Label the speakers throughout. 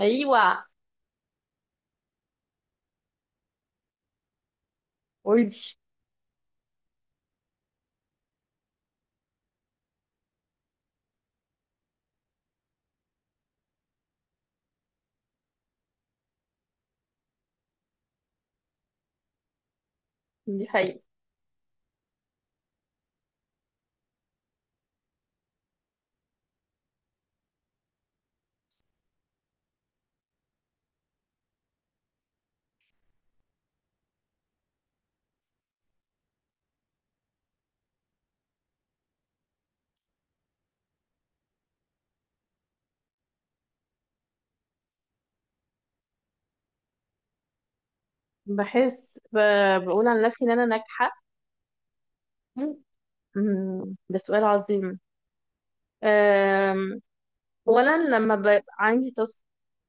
Speaker 1: ايوه. قولي. دي حقيقة. بحس ب... بقول عن نفسي ان انا ناجحة. ده سؤال عظيم. أم، اولا لما بيبقى عندي تاسك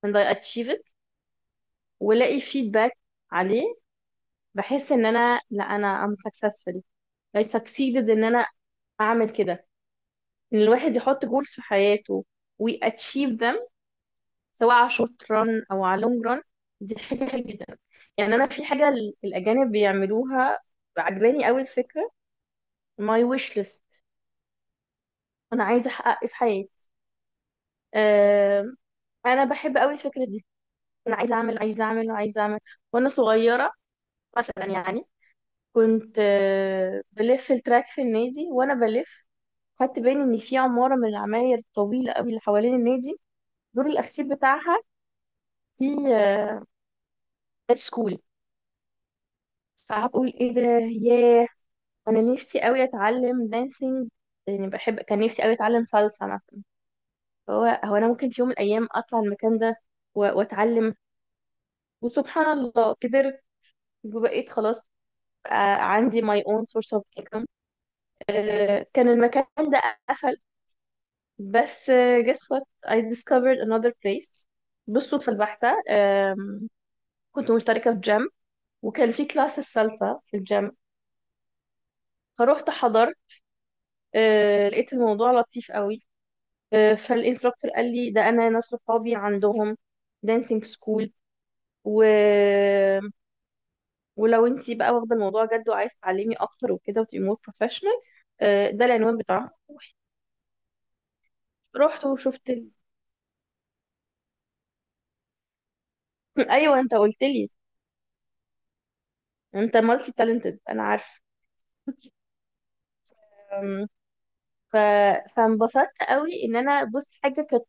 Speaker 1: and I achieve it والاقي feedback عليه، بحس ان انا لا انا I'm successful. I succeeded ان انا اعمل كده. ان الواحد يحط goals في حياته و achieve them، سواء على short run او على long run، دي حاجة حلوة جدا. يعني انا في حاجة الاجانب بيعملوها، عجباني قوي الفكرة، ماي ويش ليست: انا عايزه احقق ايه في حياتي. أم، انا بحب قوي الفكره دي. انا عايزه اعمل، عايزه اعمل، عايزه اعمل. وانا صغيره مثلا، يعني كنت بلف التراك في النادي، وانا بلف خدت بالي ان في عماره من العماير الطويله قوي اللي حوالين النادي، الدور الاخير بتاعها في دانس سكول. فهقول ايه ده؟ ياه، انا نفسي قوي اتعلم دانسينج، يعني بحب، كان نفسي قوي اتعلم صلصه مثلا. هو هو انا ممكن في يوم من الايام اطلع المكان ده واتعلم. وسبحان الله كبرت وبقيت خلاص، آه، عندي my own source of income. كان المكان ده قفل، بس guess what، I discovered another place بالصدفة البحتة. كنت مشتركة في جيم، وكان في كلاس السلسة في الجيم، فروحت حضرت. لقيت الموضوع لطيف قوي. فالانستراكتور قال لي ده انا ناس صحابي عندهم dancing school، و ولو انت بقى واخده الموضوع جد وعايز تعلمي اكتر وكده وتبقي مور بروفيشنال، ده العنوان بتاعها. رحت وشفت. ايوه، انت قلت لي. انت مالتي تالنتد، انا عارفه. أم، ف... فانبسطت قوي ان انا، بص، حاجه كانت،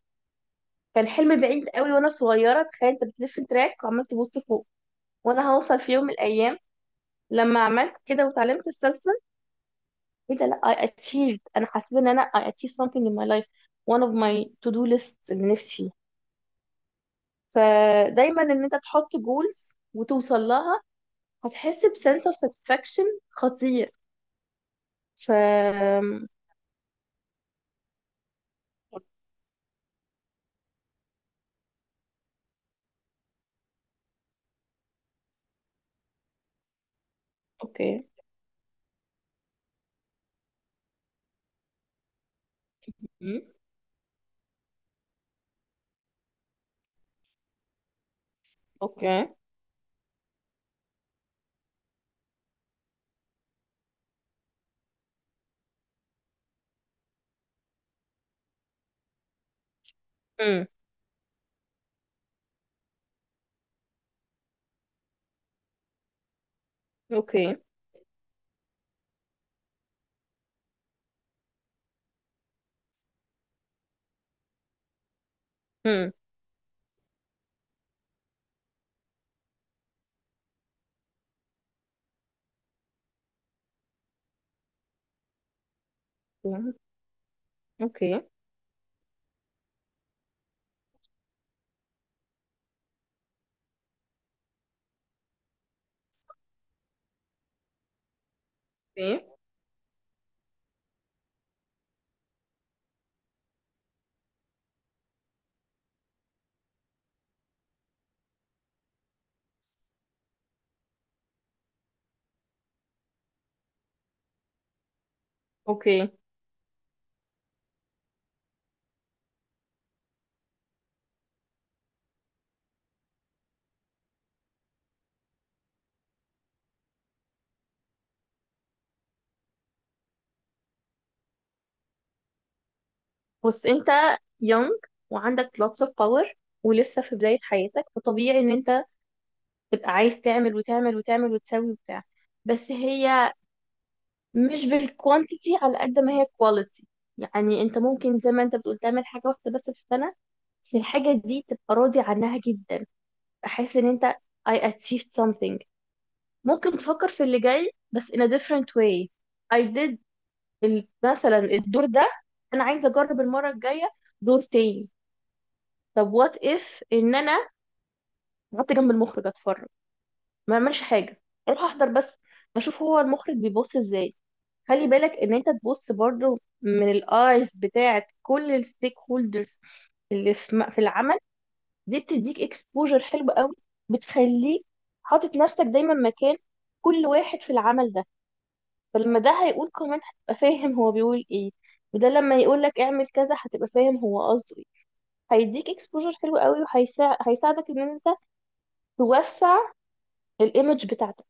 Speaker 1: كان حلم بعيد قوي وانا صغيره. تخيل انت بتلف تراك وعمال تبص فوق وانا هوصل في يوم من الايام، لما عملت كده وتعلمت السلسله. ايه ده! لا! I achieved انا حسيت ان انا I achieved something in my life، one of my to do lists اللي نفسي فيها. فدايما ان انت تحط جولز وتوصل لها، هتحس بسنس اوف ساتسفاكشن خطير. ف اوكي. مم. اوكي. مم. اوكي. مم. مم. اوكي. اوكي. اوكي. بص، انت يونج وعندك lots of power ولسه في بداية حياتك، فطبيعي ان انت تبقى عايز تعمل وتعمل وتعمل وتسوي وبتاع. بس هي مش بالكوانتيتي على قد ما هي كواليتي. يعني انت ممكن زي ما انت بتقول تعمل حاجة واحدة بس في السنة، بس الحاجة دي تبقى راضي عنها جدا. احس ان انت I achieved something، ممكن تفكر في اللي جاي بس in a different way. I did مثلا الدور ده، انا عايزة اجرب المرة الجاية دور تاني. طب what if ان انا قعدت جنب المخرج اتفرج، ما اعملش حاجة، اروح احضر بس، اشوف هو المخرج بيبص ازاي. خلي بالك ان انت تبص برضو من الايز بتاعت كل الستيك هولدرز اللي في في العمل. دي بتديك اكسبوجر حلو قوي، بتخليك حاطط نفسك دايما مكان كل واحد في العمل ده. فلما ده هيقول كومنت هتبقى فاهم هو بيقول ايه، وده لما يقول لك اعمل كذا هتبقى فاهم هو قصده ايه. هيديك اكسبوجر حلو قوي، وهيساعدك ان انت توسع الايمج بتاعتك.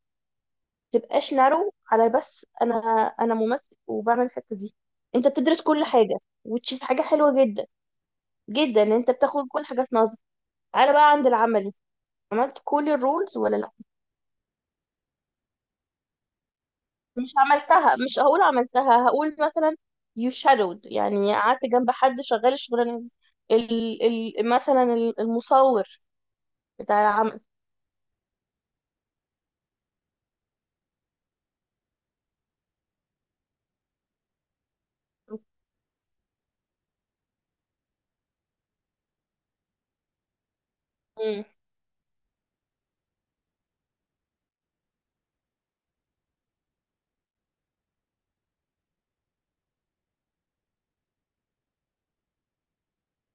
Speaker 1: تبقاش نارو على بس انا، انا ممثل وبعمل الحته دي. انت بتدرس كل حاجه وتشيز، حاجه حلوه جدا جدا ان انت بتاخد كل حاجه في نظر. تعالى بقى عند العملي: عملت كل الرولز ولا لا؟ مش عملتها، مش هقول عملتها، هقول مثلا you shadowed، يعني قعدت جنب حد شغال الشغلانه دي. ال ال مثلا المصور بتاع العمل. امم.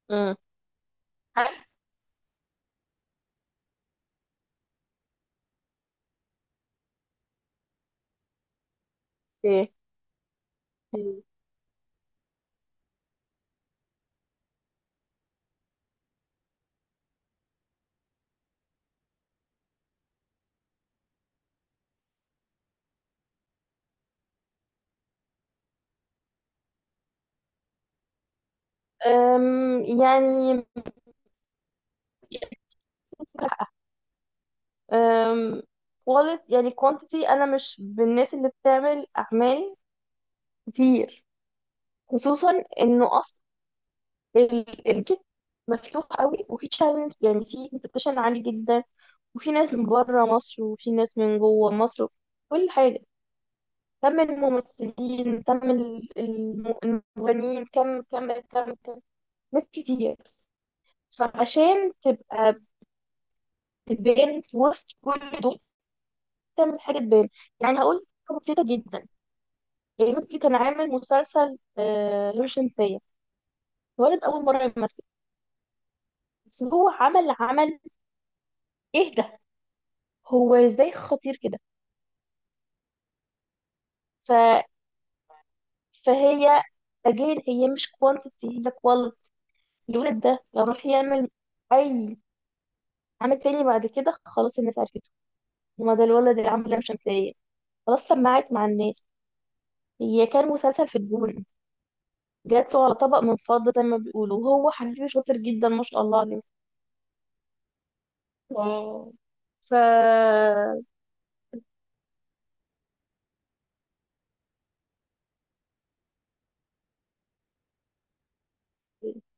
Speaker 1: امم. عارف. ايه، يعني أم، quality يعني quantity، انا مش بالناس اللي بتعمل اعمال كتير. خصوصا انه اصلا الكيت مفتوح قوي وفي تشالنج، يعني في كومبيتيشن عالي جدا، وفي ناس من بره مصر وفي ناس من جوه مصر، كل حاجه. كم الممثلين، كم المغنيين، كم كم كم كم، ناس كتير. فعشان تبقى تبان في وسط كل دول تعمل حاجه تبان. يعني هقول حاجة بسيطه جدا: يعني مكي كان عامل مسلسل لام شمسية. الولد أول مرة يمثل، بس هو عمل عمل. إيه ده، هو إزاي خطير كده! ف... فهي، أجين، هي مش كوانتيتي، هي كواليتي. الولد ده لو راح يعمل أي عمل تاني بعد كده، خلاص الناس عرفته، وما ده الولد اللي عمل لام شمسية، خلاص سمعت مع الناس. هي كان مسلسل في الجون، جات له على طبق من فضة زي ما بيقولوا، وهو حبيبي شاطر جدا ما شاء الله عليه. واو. ف...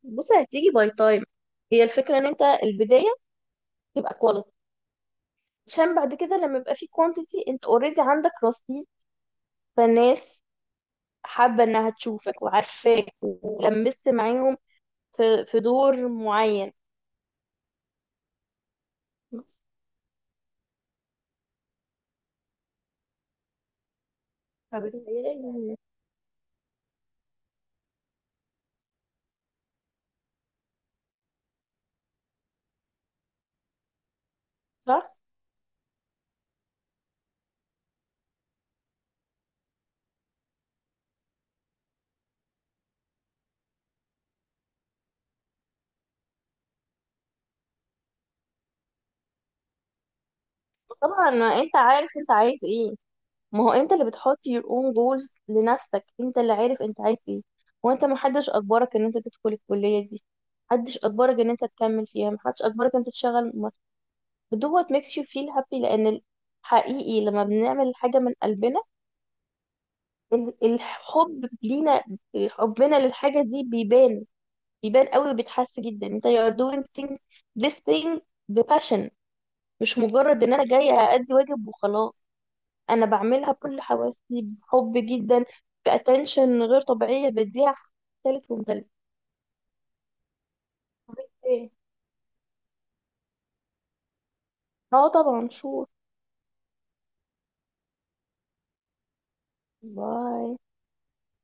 Speaker 1: بص، هتيجي باي تايم. هي الفكره ان انت البدايه تبقى كواليتي، عشان بعد كده لما يبقى في كوانتيتي انت اوريدي عندك رصيد. فالناس حابه انها تشوفك وعارفاك ولمست معاهم في دور معين، بس. فبتهيألي. صح. طبعا ما انت عارف انت عايز ايه، ما هو انت اللي بتحط your own goals لنفسك، انت اللي عارف انت عايز ايه. وانت، محدش اجبرك ان انت تدخل الكليه دي، محدش اجبرك ان انت تكمل فيها، محدش اجبرك ان انت تشتغل. دوت makes you feel happy لان حقيقي لما بنعمل حاجة من قلبنا، الحب لينا، حبنا للحاجة دي بيبان، بيبان قوي وبيتحس جدا انت you are doing this thing بباشن، مش مجرد ان انا جاية أأدي واجب وخلاص. انا بعملها بكل حواسي بحب جدا، بأتنشن غير طبيعية بديها تالت ومتالت. ايه؟ اه، طبعا، شور. باي.